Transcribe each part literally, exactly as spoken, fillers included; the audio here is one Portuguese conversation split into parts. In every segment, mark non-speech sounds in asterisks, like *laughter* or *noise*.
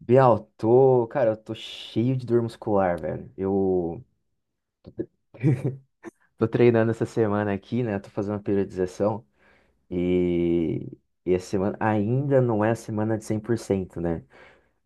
Bial, tô, cara, eu tô cheio de dor muscular, velho. Eu *laughs* tô treinando essa semana aqui, né? Tô fazendo uma periodização e, e essa semana ainda não é a semana de cem por cento, né?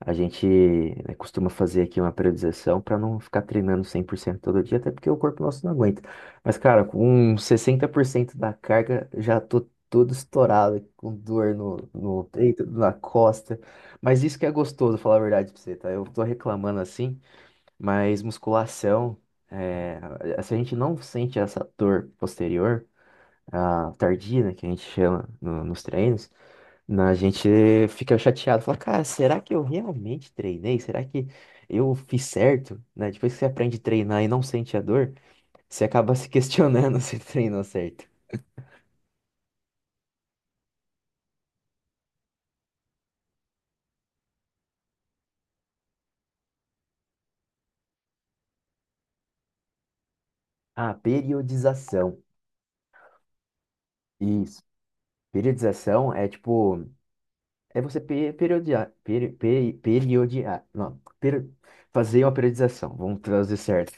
A gente, né, costuma fazer aqui uma periodização pra não ficar treinando cem por cento todo dia, até porque o corpo nosso não aguenta. Mas, cara, com sessenta por cento da carga, já tô todo estourado, com dor no, no peito, na costa. Mas isso que é gostoso, falar a verdade pra você, tá? Eu tô reclamando assim. Mas musculação, é, se a gente não sente essa dor posterior, a tardia, né, que a gente chama no- nos treinos, na- a gente fica chateado, fala, cara, será que eu realmente treinei? Será que eu fiz certo? Né? Depois que você aprende a treinar e não sente a dor, você acaba se questionando *laughs* se treinou certo. Ah, periodização. Isso. Periodização é tipo. É você pe- periodiar, peri, peri- periodiar, não, per- fazer uma periodização, vamos trazer certo.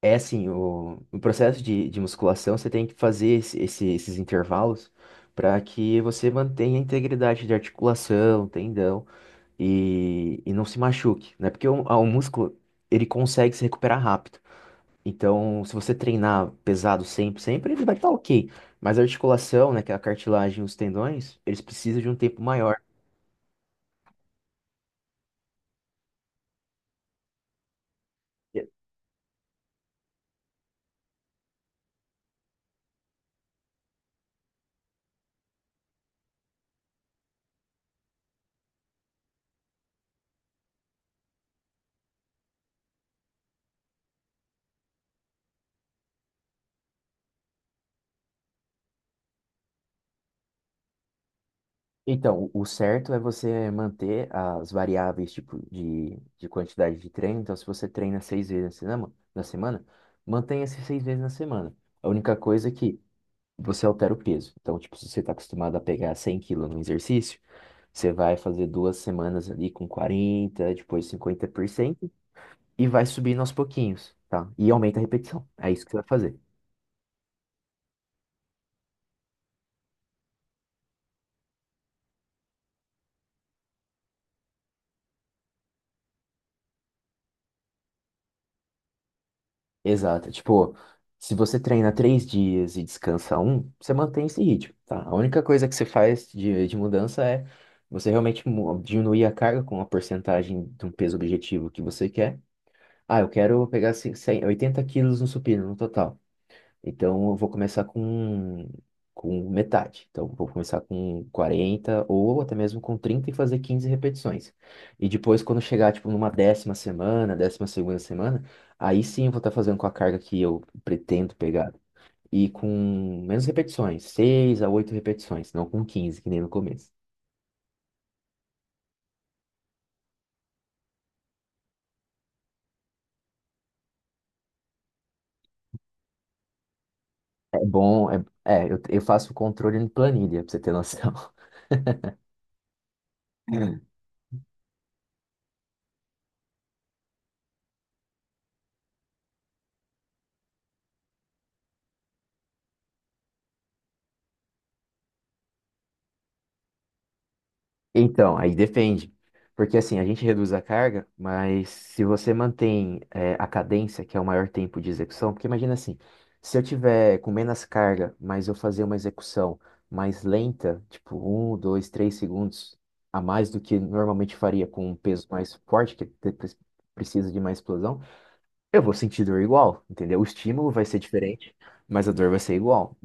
É assim, o, o processo de, de musculação, você tem que fazer esse- esse- esses intervalos para que você mantenha a integridade de articulação, tendão e, e não se machuque, né? Porque o, o músculo, ele consegue se recuperar rápido. Então, se você treinar pesado sempre, sempre, ele vai estar ok. Mas a articulação, né, que é a cartilagem e os tendões, eles precisam de um tempo maior. Então, o certo é você manter as variáveis tipo de, de quantidade de treino. Então, se você treina seis vezes na semana, na semana, mantenha esses seis vezes na semana. A única coisa é que você altera o peso. Então, tipo, se você está acostumado a pegar cem quilos no exercício, você vai fazer duas semanas ali com quarenta, depois cinquenta por cento e vai subindo aos pouquinhos, tá? E aumenta a repetição. É isso que você vai fazer. Exato. É, tipo, se você treina três dias e descansa um, você mantém esse ritmo, tá? A única coisa que você faz de, de mudança é você realmente mu- diminuir a carga com a porcentagem de um peso objetivo que você quer. Ah, eu quero pegar ci- cento e oitenta quilos no supino no total. Então eu vou começar com, com metade. Então vou começar com quarenta ou até mesmo com trinta e fazer quinze repetições. E depois, quando chegar tipo numa décima semana, décima segunda semana, aí sim eu vou estar fazendo com a carga que eu pretendo pegar. E com menos repetições, seis a oito repetições, não com quinze que nem no começo. É bom, é, é, eu, eu faço o controle em planilha, pra você ter noção. *laughs* Então, aí depende. Porque assim, a gente reduz a carga, mas se você mantém é, a cadência, que é o maior tempo de execução. Porque imagina assim, se eu tiver com menos carga, mas eu fazer uma execução mais lenta, tipo um, dois, três segundos a mais do que normalmente faria com um peso mais forte, que te- pre- precisa de mais explosão, eu vou sentir dor igual, entendeu? O estímulo vai ser diferente, mas a dor vai ser igual.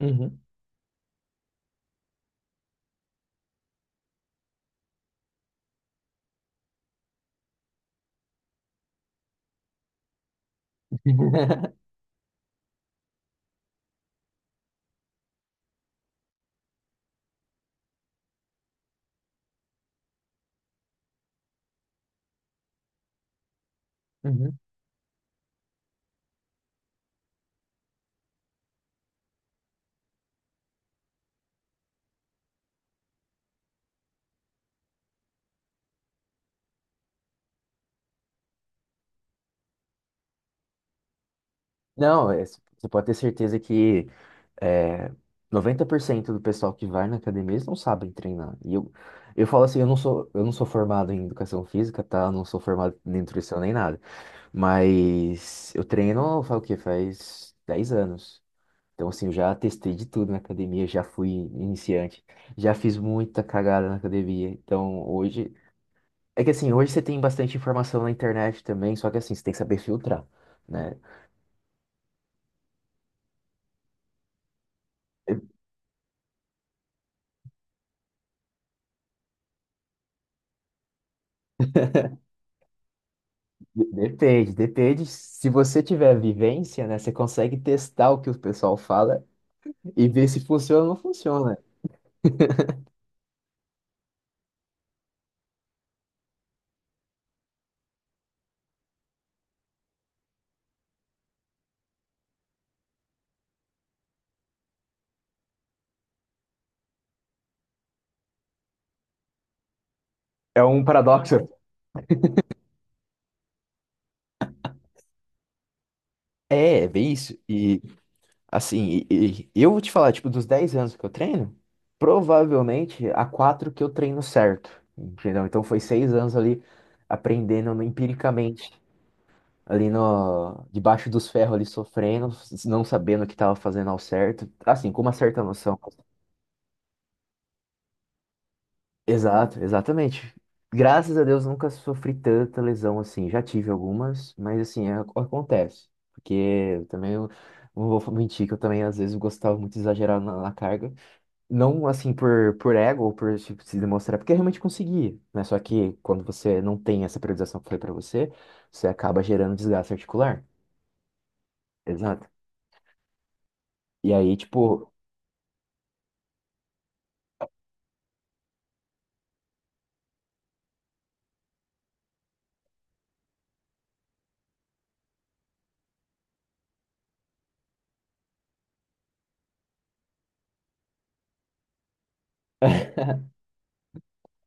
Uhum. *laughs* Uhum. Não, é, você pode ter certeza que É, noventa por cento do pessoal que vai na academia, eles não sabem treinar. E eu, eu falo assim, eu não sou, eu não sou formado em educação física, tá? Eu não sou formado em nutrição nem nada. Mas eu treino, faz o quê? Faz dez anos. Então, assim, eu já testei de tudo na academia, já fui iniciante, já fiz muita cagada na academia. Então, hoje... É que assim, hoje você tem bastante informação na internet também, só que assim, você tem que saber filtrar, né? De- Depende, depende. Se você tiver vivência, né, você consegue testar o que o pessoal fala e ver se funciona ou não funciona. É um paradoxo. É, é bem isso. E, assim, e- e eu vou te falar, tipo, dos dez anos que eu treino, provavelmente há quatro que eu treino certo, entendeu? Então foi seis anos ali aprendendo no- empiricamente, ali no, debaixo dos ferros, ali sofrendo, não sabendo o que estava fazendo ao certo, assim, com uma certa noção. Exato, exatamente. Graças a Deus nunca sofri tanta lesão assim. Já tive algumas, mas assim, é- acontece. Porque eu também eu não vou mentir que eu também às vezes gostava muito de exagerar na, na carga. Não assim por, por ego ou por tipo, se demonstrar, porque eu realmente consegui, né? Só que quando você não tem essa priorização que eu falei pra você, você acaba gerando desgaste articular. Exato. E aí, tipo,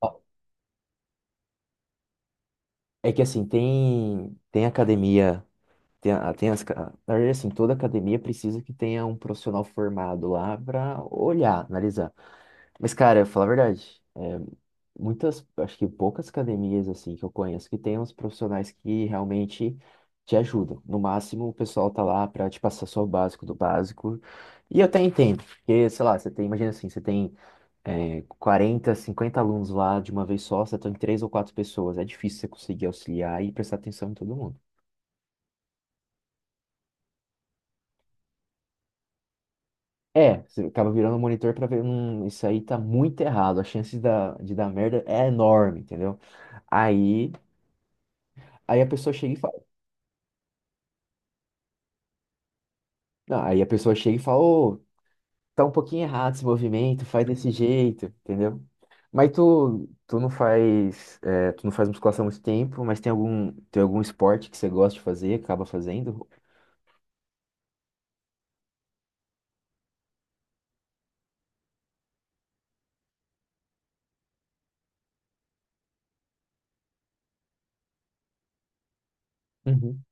*laughs* é que assim, tem, tem academia. Tem, a- tem as, ca- Na verdade, assim, toda academia precisa que tenha um profissional formado lá para olhar, analisar. Mas, cara, eu vou falar a verdade, é, muitas, acho que poucas academias, assim, que eu conheço que tem uns profissionais que realmente te ajudam. No máximo, o pessoal tá lá para te passar só o básico do básico. E eu até entendo, porque, sei lá, você tem, imagina assim, você tem, é, quarenta, cinquenta alunos lá de uma vez só, você tem três ou quatro pessoas, é difícil você conseguir auxiliar e prestar atenção em todo mundo. É, você acaba virando o monitor pra ver, hum, isso aí tá muito errado, a chance de dar, de dar merda é enorme, entendeu? Aí, aí a pessoa chega e fala, não, aí a pessoa chega e fala, ô, tá um pouquinho errado esse movimento, faz desse jeito, entendeu? Mas tu, tu não faz, é, tu não faz musculação há muito tempo, mas tem algum, tem algum esporte que você gosta de fazer, acaba fazendo? Uhum,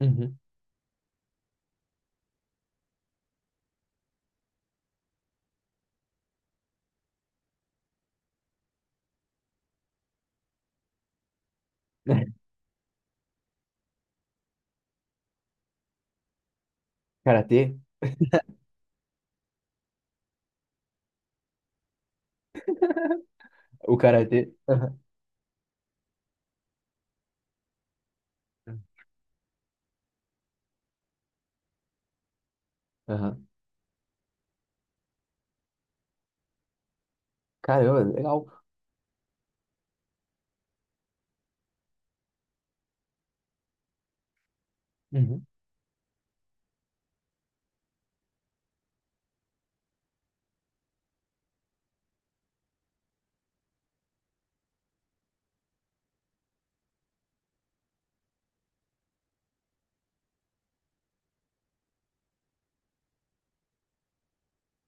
uhum. *laughs* Karatê? O karatê? Aham, aham. Caramba, legal. Uhum.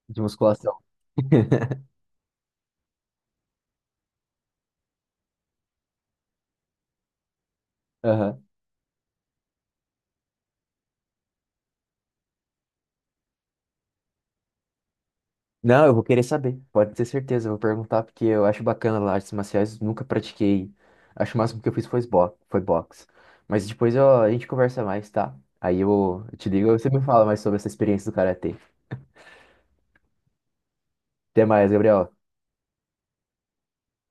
De musculação. *laughs* Não, eu vou querer saber, pode ter certeza, eu vou perguntar, porque eu acho bacana lá, artes marciais, nunca pratiquei. Acho que o máximo que eu fiz foi, esbo- foi boxe. Mas depois ó, a gente conversa mais, tá? Aí eu, eu te ligo, você me fala mais sobre essa experiência do karatê. Até mais, Gabriel.